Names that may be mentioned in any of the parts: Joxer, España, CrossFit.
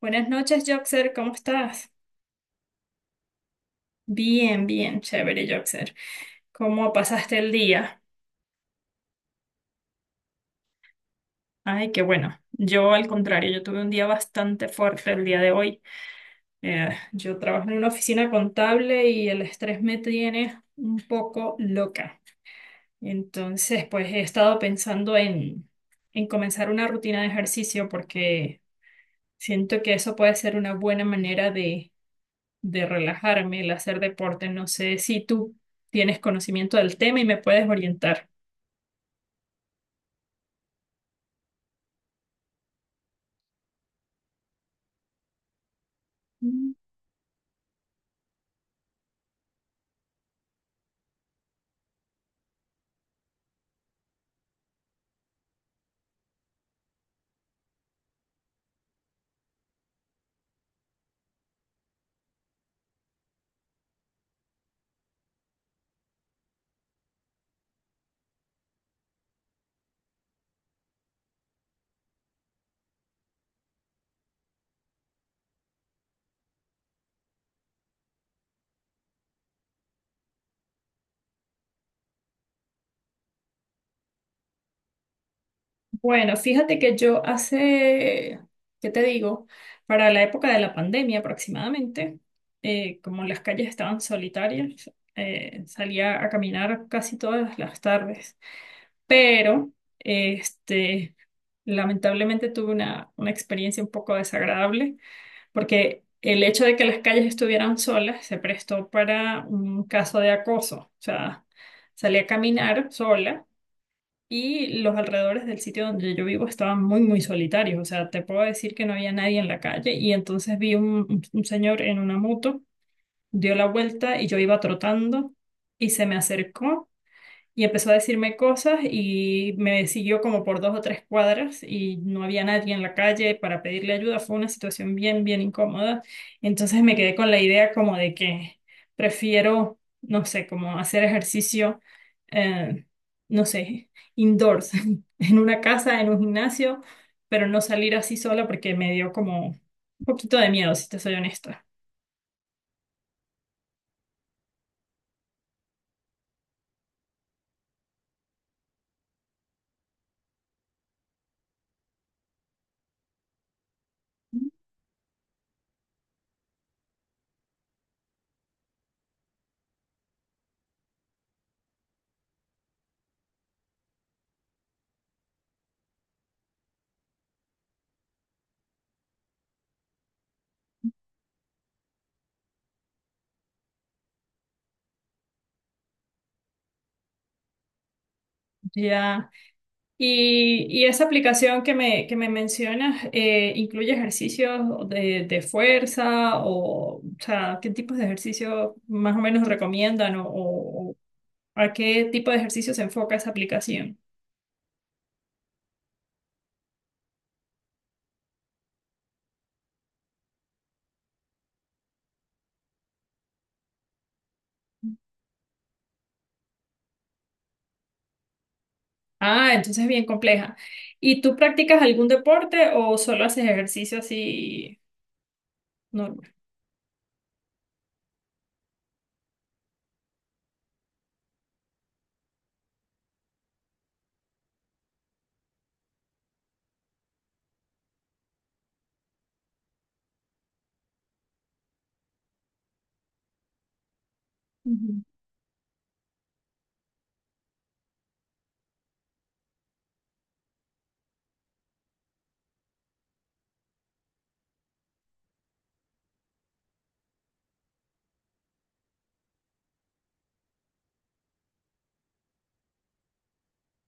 Buenas noches, Joxer, ¿cómo estás? Bien, bien, chévere, Joxer. ¿Cómo pasaste el día? Ay, qué bueno. Yo, al contrario, yo tuve un día bastante fuerte el día de hoy. Yo trabajo en una oficina contable y el estrés me tiene un poco loca. Entonces, pues he estado pensando en comenzar una rutina de ejercicio porque siento que eso puede ser una buena manera de relajarme, el hacer deporte. No sé si tú tienes conocimiento del tema y me puedes orientar. Mm. Bueno, fíjate que yo hace, ¿qué te digo? Para la época de la pandemia aproximadamente, como las calles estaban solitarias, salía a caminar casi todas las tardes. Pero, este, lamentablemente tuve una experiencia un poco desagradable porque el hecho de que las calles estuvieran solas se prestó para un caso de acoso. O sea, salí a caminar sola y los alrededores del sitio donde yo vivo estaban muy, muy solitarios. O sea, te puedo decir que no había nadie en la calle y entonces vi un señor en una moto, dio la vuelta y yo iba trotando y se me acercó y empezó a decirme cosas y me siguió como por 2 o 3 cuadras y no había nadie en la calle para pedirle ayuda. Fue una situación bien, bien incómoda. Entonces me quedé con la idea como de que prefiero, no sé, como hacer ejercicio, eh, no sé, indoors, en una casa, en un gimnasio, pero no salir así sola porque me dio como un poquito de miedo, si te soy honesta. Ya. Y esa aplicación que me mencionas, ¿incluye ejercicios de fuerza o sea, qué tipos de ejercicios más o menos recomiendan o a qué tipo de ejercicio se enfoca esa aplicación? Ah, entonces es bien compleja. ¿Y tú practicas algún deporte o solo haces ejercicio así normal? Ujú.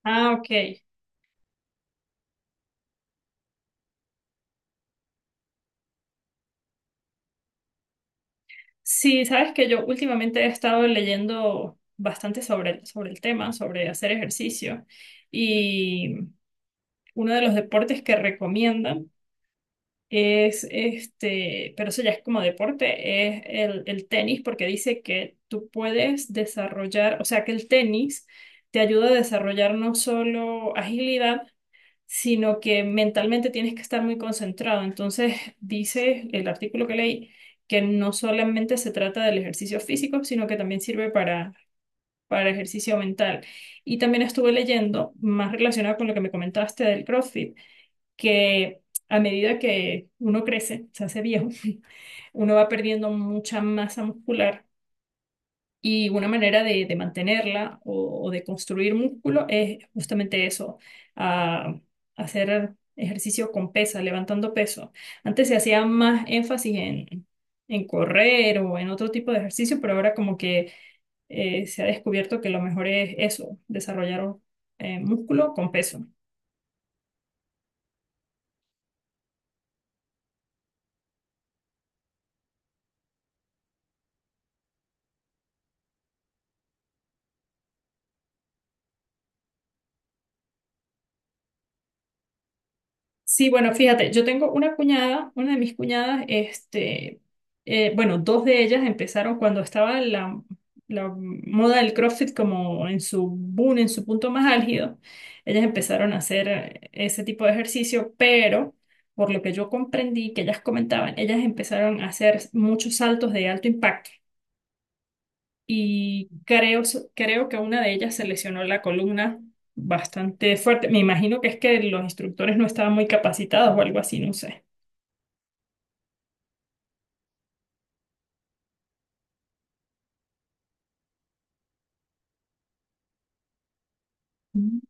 Ah, ok. Sí, sabes que yo últimamente he estado leyendo bastante sobre el tema, sobre hacer ejercicio. Uno de los deportes que recomiendan es este, pero eso ya es como deporte, es el tenis, porque dice que tú puedes desarrollar, o sea, que el tenis te ayuda a desarrollar no solo agilidad, sino que mentalmente tienes que estar muy concentrado. Entonces, dice el artículo que leí que no solamente se trata del ejercicio físico, sino que también sirve para ejercicio mental. Y también estuve leyendo, más relacionado con lo que me comentaste del CrossFit que a medida que uno crece, se hace viejo, uno va perdiendo mucha masa muscular y una manera de mantenerla o de construir músculo es justamente eso, ah, hacer ejercicio con pesa, levantando peso. Antes se hacía más énfasis en correr o en otro tipo de ejercicio, pero ahora como que se ha descubierto que lo mejor es eso, desarrollar músculo con peso. Sí, bueno, fíjate, yo tengo una cuñada, una de mis cuñadas, este, bueno, dos de ellas empezaron cuando estaba la moda del CrossFit como en su boom, en su punto más álgido. Ellas empezaron a hacer ese tipo de ejercicio, pero por lo que yo comprendí que ellas comentaban, ellas empezaron a hacer muchos saltos de alto impacto y creo que una de ellas se lesionó la columna bastante fuerte. Me imagino que es que los instructores no estaban muy capacitados o algo así, no sé. Mm.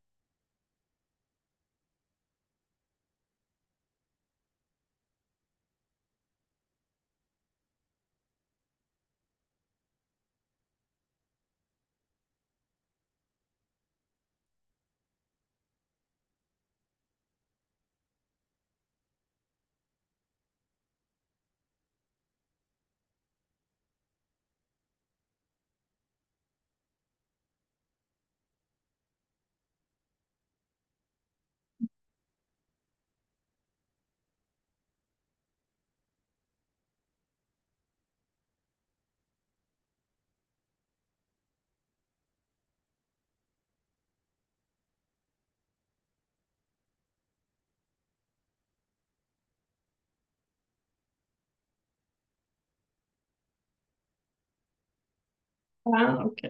Ah, ok,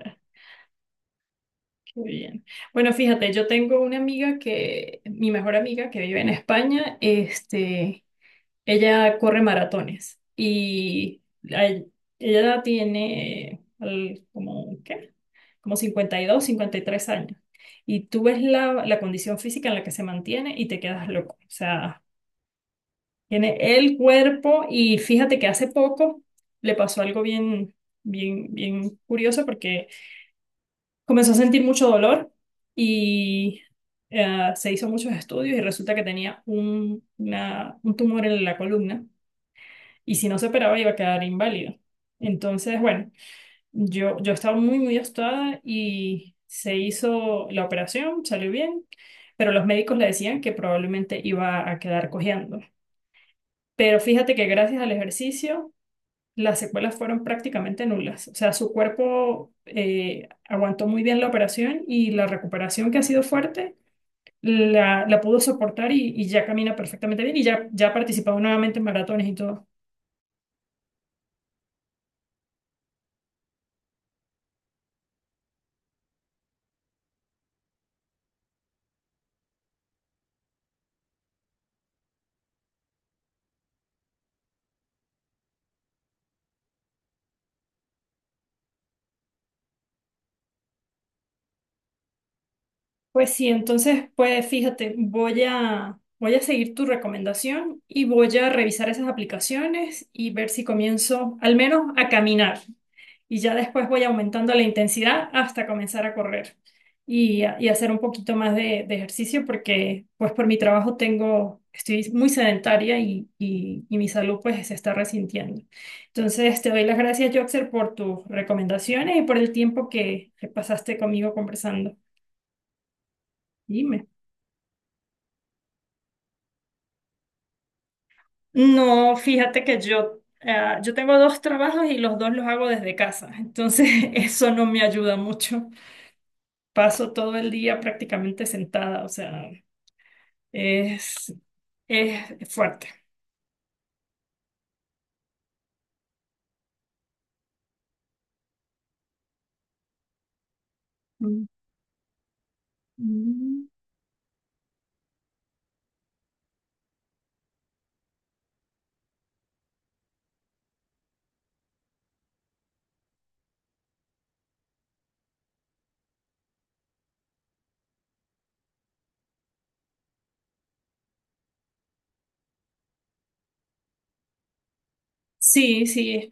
qué bien. Bueno, fíjate, yo tengo una amiga que, mi mejor amiga que vive en España, este, ella corre maratones y ay- ella tiene como, ¿qué? Como 50 52 53 años. Y tú ves la, la condición física en la que se mantiene y te quedas loco. O sea, tiene el cuerpo y fíjate que hace poco le pasó algo bien, bien, bien curioso porque comenzó a sentir mucho dolor y se hizo muchos estudios y resulta que tenía un tumor en la columna y si no se operaba iba a quedar inválido. Entonces, bueno, yo estaba muy, muy asustada y se hizo la operación, salió bien, pero los médicos le decían que probablemente iba a quedar cojeando. Pero fíjate que gracias al ejercicio, las secuelas fueron prácticamente nulas. O sea, su cuerpo aguantó muy bien la operación y la recuperación que ha sido fuerte. La pudo soportar y ya camina perfectamente bien y ya ha participado nuevamente en maratones y todo. Pues sí, entonces, pues fíjate, voy a, voy a seguir tu recomendación y voy a revisar esas aplicaciones y ver si comienzo al menos a caminar. Y ya después voy aumentando la intensidad hasta comenzar a correr y, y hacer un poquito más de ejercicio porque pues por mi trabajo tengo, estoy muy sedentaria y, y mi salud pues se está resintiendo. Entonces, te doy las gracias, Joxer, por tus recomendaciones y por el tiempo que pasaste conmigo conversando. Dime. No, fíjate que yo tengo dos trabajos y los dos los hago desde casa, entonces eso no me ayuda mucho. Paso todo el día prácticamente sentada, o sea, es, es, fuerte. Mm, mm. Sí, sí.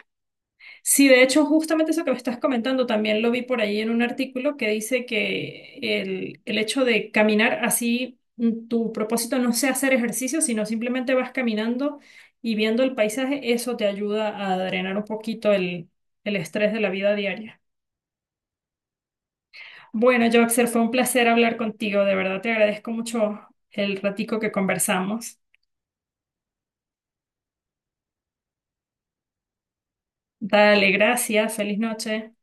Sí, de hecho, justamente eso que me estás comentando también lo vi por ahí en un artículo que dice que el hecho de caminar así, tu propósito no sea hacer ejercicio, sino simplemente vas caminando y viendo el paisaje, eso te ayuda a drenar un poquito el estrés de la vida diaria. Bueno, Joxer, fue un placer hablar contigo, de verdad te agradezco mucho el ratico que conversamos. Dale, gracias, feliz noche.